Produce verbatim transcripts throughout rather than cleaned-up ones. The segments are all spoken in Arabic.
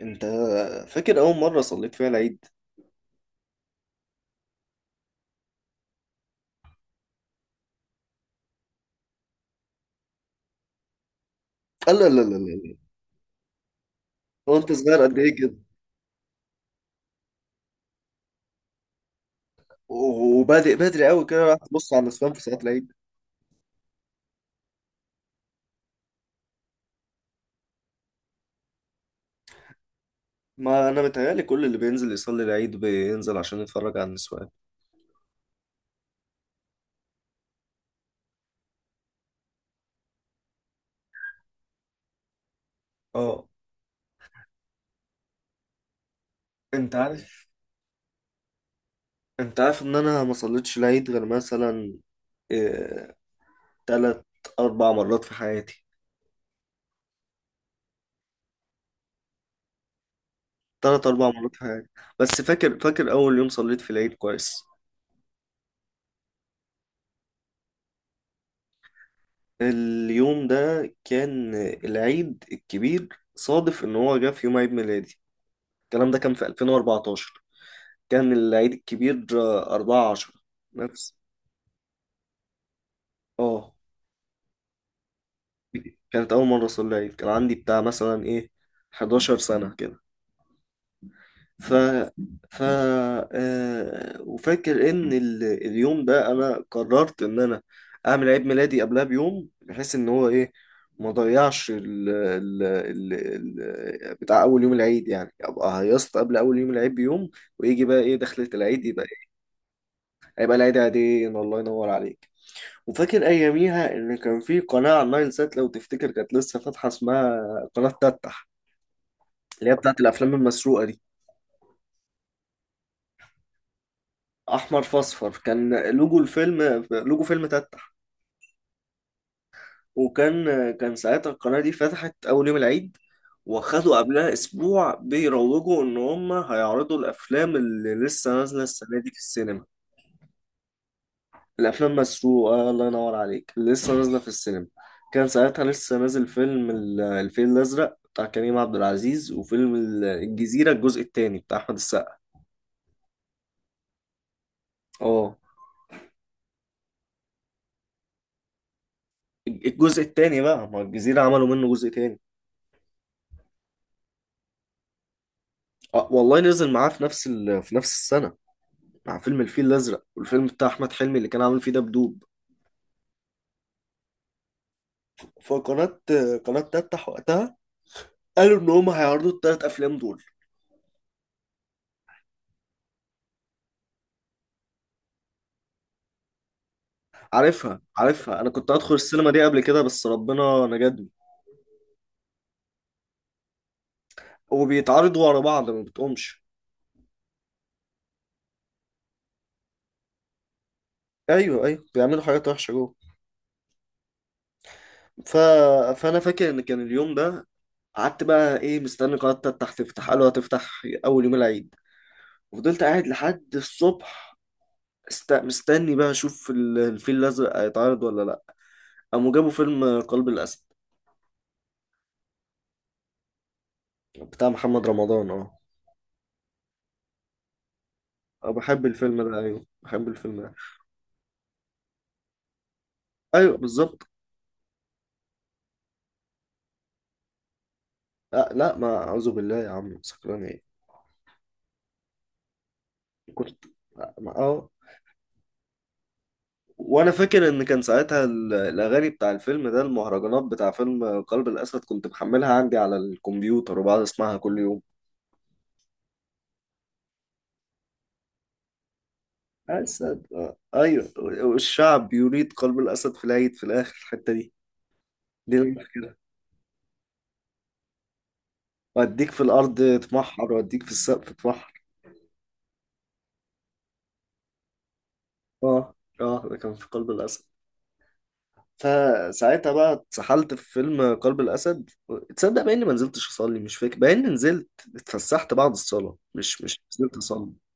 انت فاكر اول مره صليت فيها العيد؟ لا، لا، لا، لا، لا. وانت صغير قد ايه كده؟ و- وبادئ بدري قوي كده راح تبص على النسوان في صلاه العيد؟ ما انا متهيألي كل اللي بينزل يصلي العيد بينزل عشان يتفرج على النسوان. اه. انت عارف انت عارف ان انا ما صليتش العيد غير مثلا إيه... تلات اربع مرات في حياتي، تلات اربع مرات في حياتي. بس فاكر فاكر اول يوم صليت في العيد كويس. اليوم ده كان العيد الكبير، صادف ان هو جه في يوم عيد ميلادي. الكلام ده كان في الفين واربعه عشر. كان العيد الكبير آه، اربعه عشره. نفس. اه. كانت أول مرة أصلي العيد، كان عندي بتاع مثلا إيه حداشر سنه سنة كده. ف ف آه... وفاكر إن ال... اليوم ده أنا قررت إن أنا أعمل عيد ميلادي قبلها بيوم، بحيث إن هو إيه ما ضيعش ال... ال... ال... ال... بتاع أول يوم العيد، يعني أبقى هيصت قبل أول يوم العيد بيوم. ويجي بقى إيه دخلة العيد يبقى إيه، هيبقى العيد عيدين. الله ينور عليك. وفاكر أياميها إن كان في قناة على النايل سات، لو تفتكر كانت لسه فاتحة، اسمها قناة تتح، اللي هي بتاعت الأفلام المسروقة دي. أحمر في أصفر، كان لوجو الفيلم، لوجو فيلم تتح. وكان كان ساعتها القناة دي فتحت أول يوم العيد، وخدوا قبلها أسبوع بيروجوا إن هم هيعرضوا الأفلام اللي لسه نازلة السنة دي في السينما. الافلام مسروقه، الله ينور عليك، اللي لسه نازله في السينما. كان ساعتها لسه نازل فيلم ال- الفيل الازرق بتاع كريم عبد العزيز، وفيلم ال- الجزيره الجزء الثاني بتاع احمد السقا. اه. الجزء الثاني بقى، ما الجزيره عملوا منه جزء ثاني. آه والله نزل معاه في نفس ال... في نفس السنه، مع فيلم الفيل الازرق، والفيلم بتاع احمد حلمي اللي كان عامل فيه دبدوب. فقناه قناه تفتح وقتها، قالوا ان هم هيعرضوا الثلاث افلام دول. عارفها، عارفها، انا كنت هدخل السينما دي قبل كده بس ربنا نجدني. وبيتعارضوا ورا بعض ما بتقومش. ايوه، ايوه، بيعملوا حاجات وحشه جوه. ف... فانا فاكر ان كان اليوم ده، قعدت بقى ايه مستني قناه تفتح، تفتح، قالوا هتفتح اول يوم العيد، وفضلت قاعد لحد الصبح است... مستني بقى اشوف ال- الفيل الازرق هيتعرض ولا لا. قاموا جابوا فيلم قلب الاسد بتاع محمد رمضان، اه. أه، بحب الفيلم ده، ايوه بحب الفيلم ده. ايوه بالظبط. أه، لا، ما اعوذ بالله يا عم، سكران ايه؟ كنت، اه. وانا فاكر ان كان ساعتها ال- الاغاني بتاع الفيلم ده، المهرجانات بتاع فيلم قلب الاسد، كنت محملها عندي على الكمبيوتر وبقعد اسمعها كل يوم. اسد، آه، ايوه والشعب يريد قلب الاسد في العيد، في الاخر الحته دي، دي اللي أنا فاكرها. واديك في الارض تمحر، واديك في السقف تمحر. اه، اه، ده كان في قلب الاسد. فساعتها بقى اتسحلت في فيلم قلب الاسد. تصدق بقى اني ما نزلتش اصلي؟ مش فاكر بقى اني نزلت. اتفسحت بعد الصلاه، مش مش نزلت اصلي.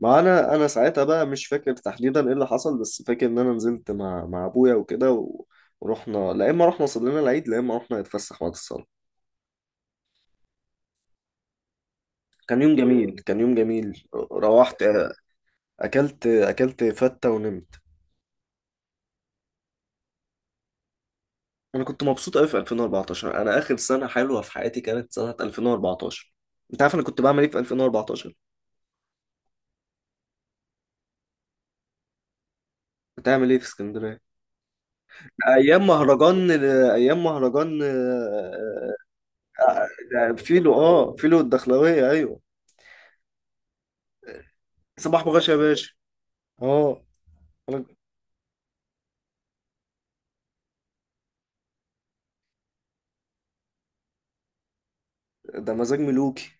ما انا انا ساعتها بقى مش فاكر تحديدا ايه اللي حصل، بس فاكر ان انا نزلت مع مع ابويا وكده و- ورحنا، لا اما رحنا صلينا العيد، لا اما رحنا نتفسح بعد الصلاه. كان يوم جميل، كان يوم جميل، روحت، آه، اكلت اكلت فته ونمت. انا كنت مبسوط قوي في الفين واربعتاشر. انا اخر سنه حلوه في حياتي كانت سنه الفين واربعتاشر. انت عارف انا كنت بعمل ايه في الفين واربعتاشر؟ بتعمل ايه في اسكندريه؟ ايام مهرجان، ايام مهرجان، آه، آه، آه، آه، فيلو اه فيلو الدخلاويه، ايوه. صباح بغش يا باشا. اه. أنا- ده مزاج ملوكي.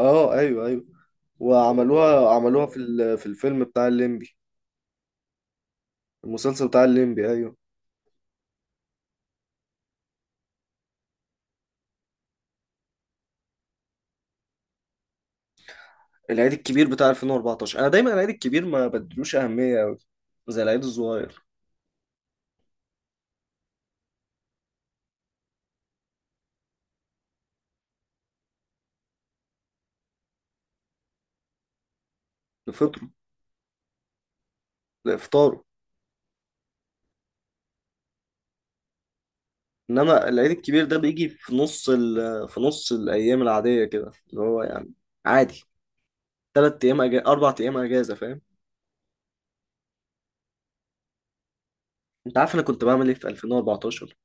اه، ايوه، ايوه. وعملوها، عملوها في ال- في الفيلم بتاع الليمبي، المسلسل بتاع الليمبي، ايوه. العيد الكبير بتاع الفين واربعه عشر، انا دايما العيد الكبير ما بدلوش اهميه قوي زي العيد الصغير. لفطره لافطاره. انما العيد الكبير ده بيجي في نص ال... في نص الايام العاديه كده اللي هو يعني عادي، ثلاث ايام أجا... اربع ايام اجازه فاهم. انت عارف انا كنت بعمل ايه في الفين واربعه عشر؟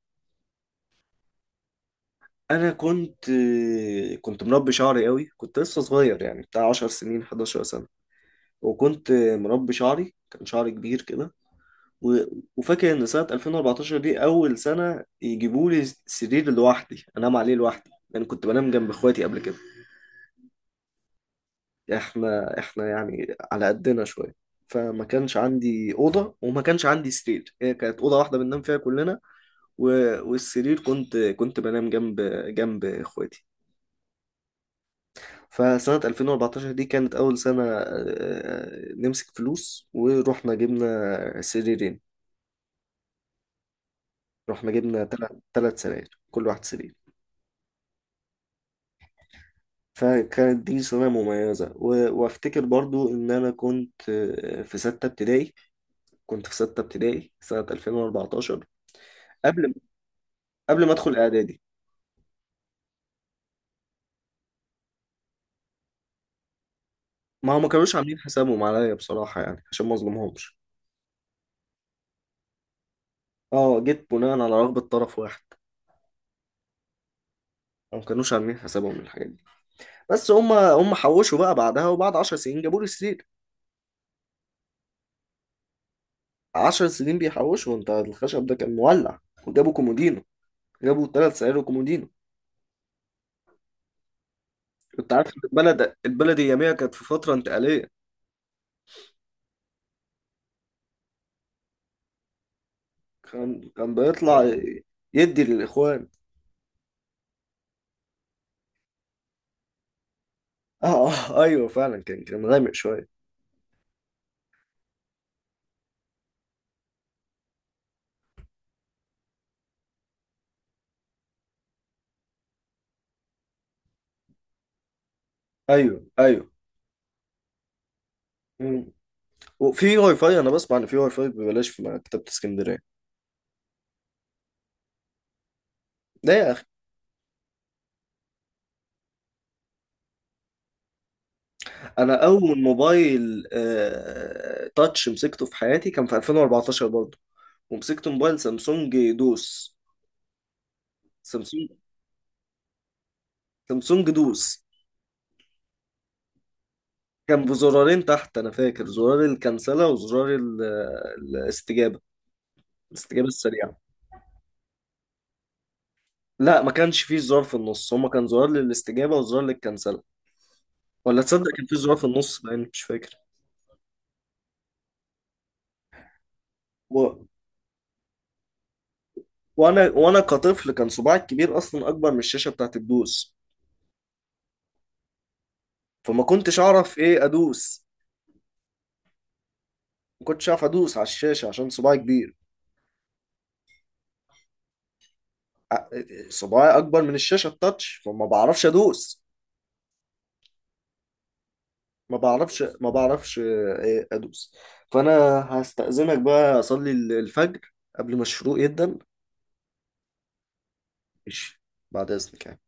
انا كنت كنت مربي شعري قوي، كنت لسه صغير يعني بتاع 10 سنين، حداشر سنه سنة، وكنت مربي شعري، كان شعري كبير كده و- وفاكر ان سنة الفين واربعتاشر دي اول سنة يجيبوا لي سرير لوحدي انام عليه لوحدي، لان كنت بنام جنب اخواتي قبل كده. احنا احنا يعني على قدنا شوية، فما كانش عندي أوضة وما كانش عندي سرير، هي كانت أوضة واحدة بننام فيها كلنا. و... والسرير كنت كنت بنام جنب جنب إخواتي. فسنة الفين واربعتاشر دي كانت أول سنة آه، آه، نمسك فلوس ورحنا جبنا سريرين، رحنا جبنا تلات تلات سراير، كل واحد سرير. فكانت دي سنة مميزة و- وأفتكر برضو إن أنا كنت آه، في ستة ابتدائي، كنت في ستة ابتدائي سنة الفين واربعتاشر، قبل قبل ما أدخل إعدادي. ما هم ما كانوش عاملين حسابهم عليا بصراحة، يعني عشان ما أظلمهمش. اه، جيت بناء على رغبة طرف واحد. هم ما كانوش عاملين حسابهم للحاجات دي، بس هم هم حوشوا بقى بعدها، وبعد 10 سنين جابوا لي سرير. 10 سنين بيحوشوا، انت الخشب ده كان مولع. وجابوا كومودينو، جابوا ثلاث سراير وكومودينو. انت عارف إن البلد البلد اياميها كانت في فتره انتقاليه. كان كان بيطلع يدي للاخوان. اه، اه، ايوه فعلا كان كان غامق شويه. ايوه، ايوه. مم. وفي واي فاي، انا بسمع ان في واي فاي ببلاش في مكتبه اسكندريه. ده يا اخي. انا اول موبايل آه... تاتش مسكته في حياتي كان في الفين واربعتاشر برضه. ومسكت موبايل سامسونج دوس، سامسونج سامسونج دوس. كان بزرارين تحت، انا فاكر زرار الكنسله وزرار ال- الاستجابه الاستجابه السريعه. لا، ما كانش فيه زرار في النص، هما كان زرار للاستجابه وزرار للكنسله. ولا تصدق كان فيه زرار في النص لان مش فاكر. و... وانا وانا كطفل كان صباعي الكبير اصلا اكبر من الشاشه بتاعت الدوس. فما كنتش اعرف ايه ادوس. ما كنتش اعرف ادوس على الشاشه عشان صباعي كبير. ع- صباعي اكبر من الشاشه التاتش، فما بعرفش ادوس. ما بعرفش ما بعرفش آه، ادوس. فانا هستأذنك بقى اصلي الفجر قبل ما الشروق يبدأ. ماشي، بعد اذنك يعني.